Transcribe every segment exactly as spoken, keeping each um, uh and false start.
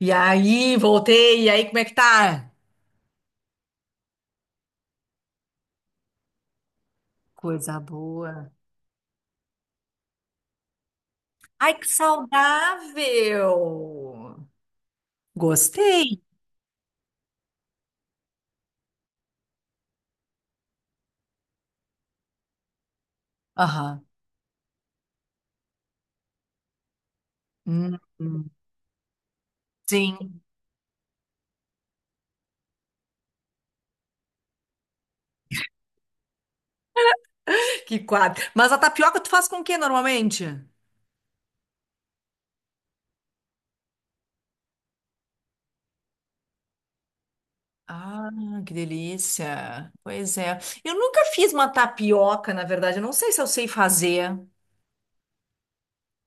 E aí, voltei. E aí, como é que tá? Coisa boa. Ai, que saudável! Gostei. Aham. Hum, hum. Sim. Que quadro. Mas a tapioca tu faz com o que normalmente? Ah, que delícia. Pois é. Eu nunca fiz uma tapioca, na verdade. Eu não sei se eu sei fazer.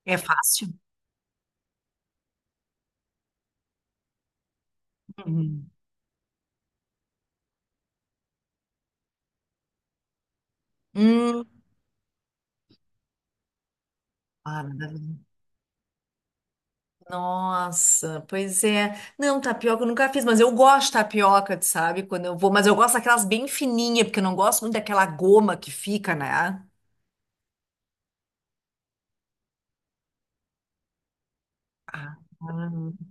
É fácil? Uhum. Hum. Ah, nossa, pois é. Não, tapioca eu nunca fiz, mas eu gosto de tapioca, tu sabe? Quando eu vou, mas eu gosto daquelas bem fininhas, porque eu não gosto muito daquela goma que fica, né? Ah, ah.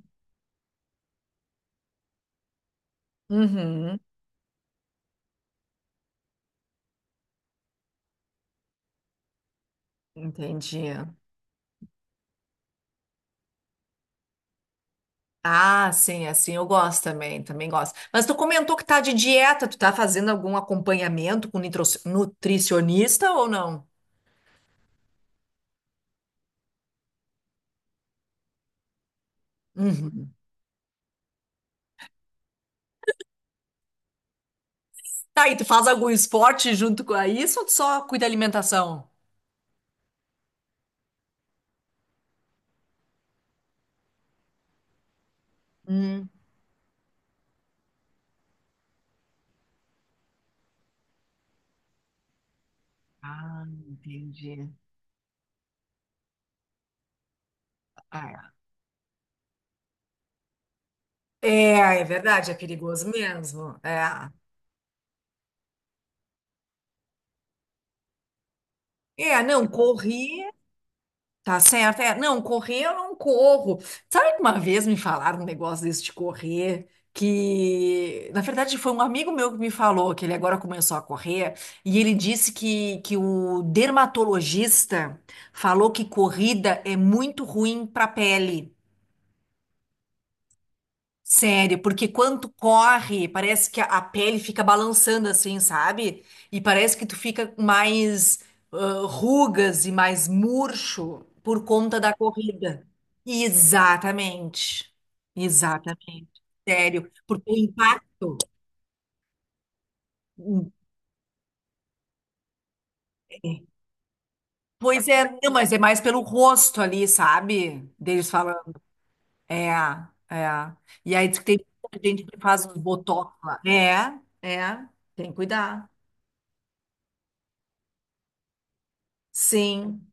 Uhum, entendi. Ah, sim, assim eu gosto também, também gosto. Mas tu comentou que tá de dieta, tu tá fazendo algum acompanhamento com nitro- nutricionista ou não? Uhum. Tá, e tu faz algum esporte junto com isso ou tu só cuida da alimentação? Hum. Ah, entendi. É, é verdade, é perigoso mesmo. É, é, não, correr, tá certo. É, não, correr eu não corro. Sabe que uma vez me falaram um negócio desse de correr, que na verdade foi um amigo meu que me falou que ele agora começou a correr, e ele disse que, que o dermatologista falou que corrida é muito ruim para a pele. Sério, porque quando corre, parece que a a pele fica balançando assim, sabe? E parece que tu fica com mais ah, rugas e mais murcho por conta da corrida. Exatamente. Exatamente. Sério, porque o impacto. Pois é, não, mas é mais pelo rosto ali, sabe? Deles falando. É, é. E aí diz que tem muita gente que faz uns botox lá. É, é. Tem que cuidar. Sim.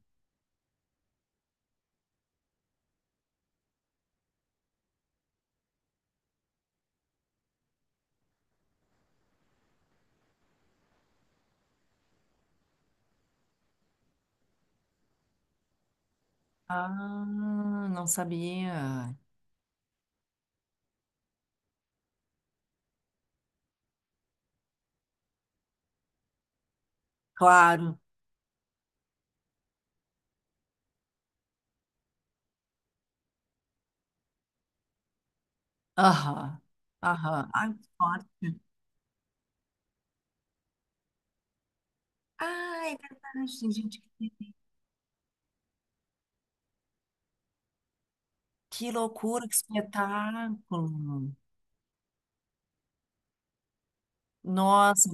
Ah, não sabia. Claro. Aham. Aham. Ai, que forte. Ah, é verdade. Tem gente que. Que loucura, que espetáculo. Nossa,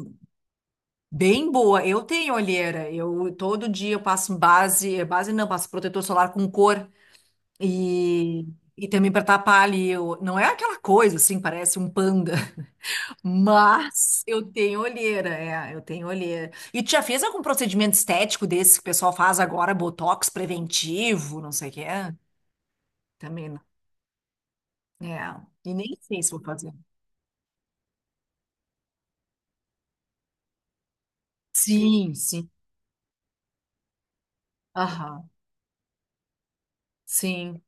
bem boa. Eu tenho olheira. Eu todo dia eu passo base, base não, passo protetor solar com cor e, e também para tapar ali. Eu, não é aquela coisa assim, parece um panda. Mas eu tenho olheira, é, eu tenho olheira. E tu já fez algum procedimento estético desse que o pessoal faz agora, botox preventivo, não sei o que é? Também não. É, e nem sei se vou fazer. Sim, sim. Aham, sim.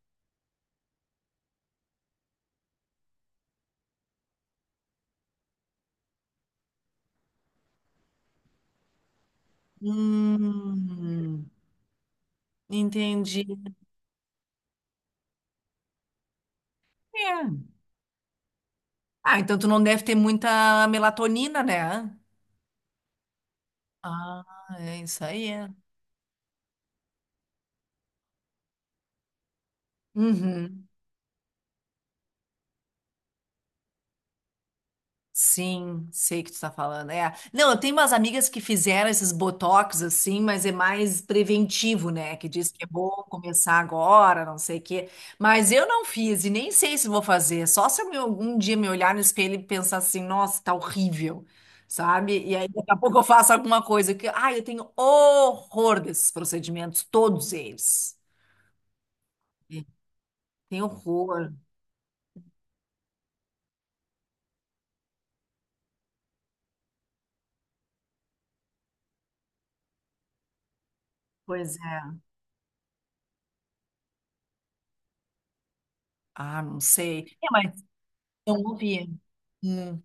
Hum, entendi. É. Ah, então tu não deve ter muita melatonina, né? Ah, é isso aí, é. Uhum. Sim, sei que tu tá falando. É. Não, eu tenho umas amigas que fizeram esses botox assim, mas é mais preventivo, né? Que diz que é bom começar agora, não sei o quê. Mas eu não fiz e nem sei se vou fazer. Só se eu me- algum dia me olhar no espelho e pensar assim, nossa, tá horrível, sabe? E aí daqui a pouco eu faço alguma coisa que, ai, eu tenho horror desses procedimentos, todos eles. Tenho horror. Pois é. Ah, não sei. É, mas eu não vi. Hum.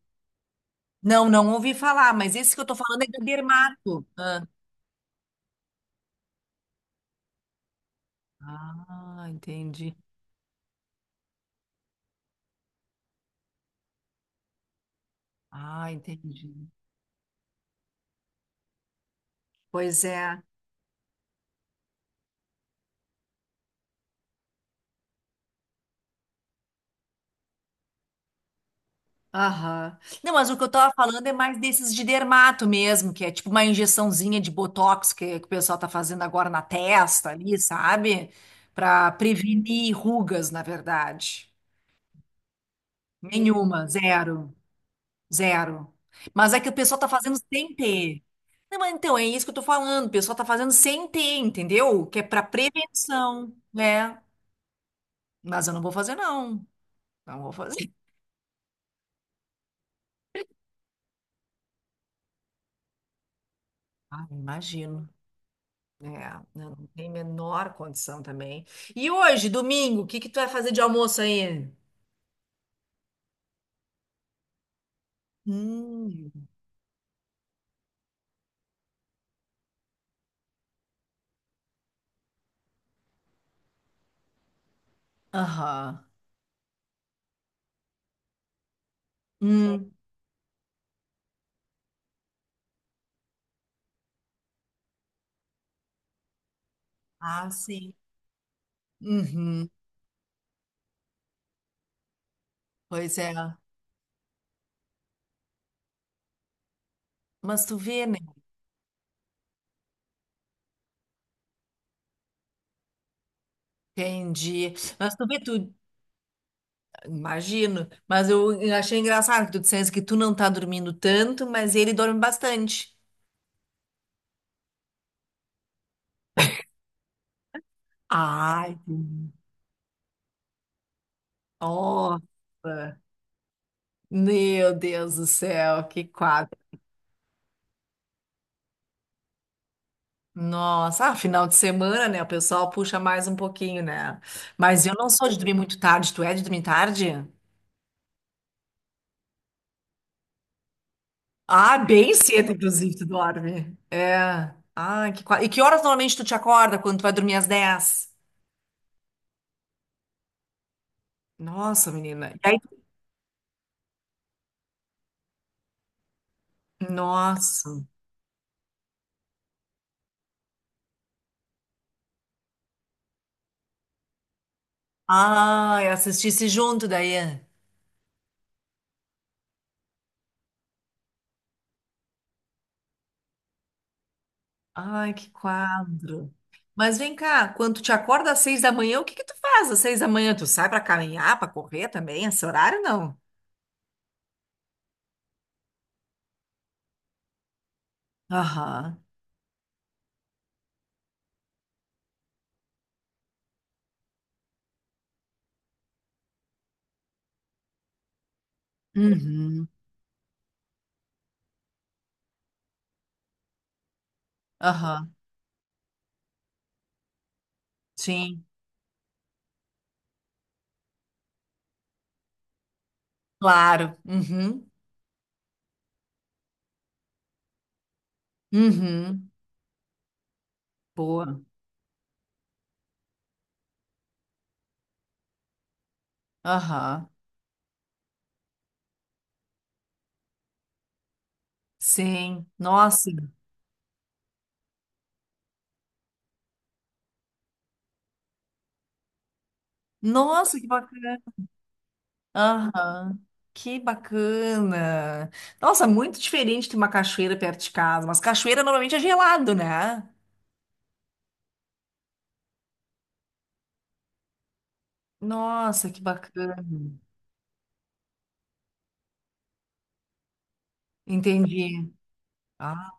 Não, não ouvi falar, mas esse que eu tô falando é da Dermato. Ah, ah, entendi. Ah, entendi. Pois é. Aham. Não, mas o que eu tava falando é mais desses de dermato mesmo, que é tipo uma injeçãozinha de botox que, que o pessoal tá fazendo agora na testa ali, sabe? Pra prevenir rugas, na verdade. Nenhuma, zero. Zero. Mas é que o pessoal tá fazendo sem ter. Não, mas então, é isso que eu tô falando. O pessoal tá fazendo sem ter, entendeu? Que é pra prevenção, né? Mas eu não vou fazer, não. Não vou fazer. Ah, imagino. É, eu não tem menor condição também. E hoje, domingo, o que que tu vai fazer de almoço aí? Hum. Aham. Hum. Ah, sim. Uhum. Pois é. Mas tu vê, né? Entendi. Mas tu vê, tu, imagino, mas eu achei engraçado que tu dissesse que tu não tá dormindo tanto, mas ele dorme bastante. Ai, nossa, meu Deus do céu, que quadro. Nossa, ah, final de semana, né? O pessoal puxa mais um pouquinho, né? Mas eu não sou de dormir muito tarde, tu é de dormir tarde? Ah, bem cedo, inclusive, tu dorme. É. Ah, que quadro. E que horas normalmente tu te acorda quando tu vai dormir às dez? Nossa, menina. E aí, nossa. Ah, assistisse junto, Daiane. Ai, que quadro. Mas vem cá, quando tu te acorda às seis da manhã, o que que tu faz às seis da manhã? Tu sai pra caminhar, pra correr também? Esse horário, não? Aham. Uhum. Aham. Sim. Claro. Uhum. Uhum. Boa. Aham. Sim. Nossa. Nossa, que bacana. Aham. Que bacana. Nossa, muito diferente de uma cachoeira perto de casa. Mas cachoeira normalmente é gelado, né? Nossa, que bacana. Entendi. Ah,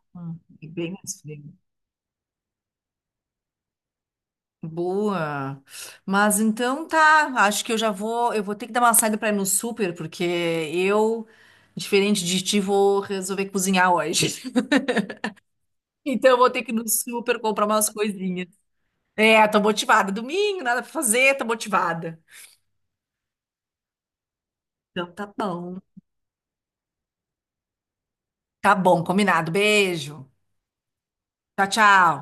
e bem mais frio. Boa. Mas então tá, acho que eu já vou, eu vou ter que dar uma saída para ir no super, porque eu, diferente de ti, vou resolver cozinhar hoje. Então eu vou ter que ir no super comprar umas coisinhas. É, tô motivada. Domingo, nada pra fazer, tô motivada. Então tá bom. Tá bom, combinado. Beijo. Tchau, tchau.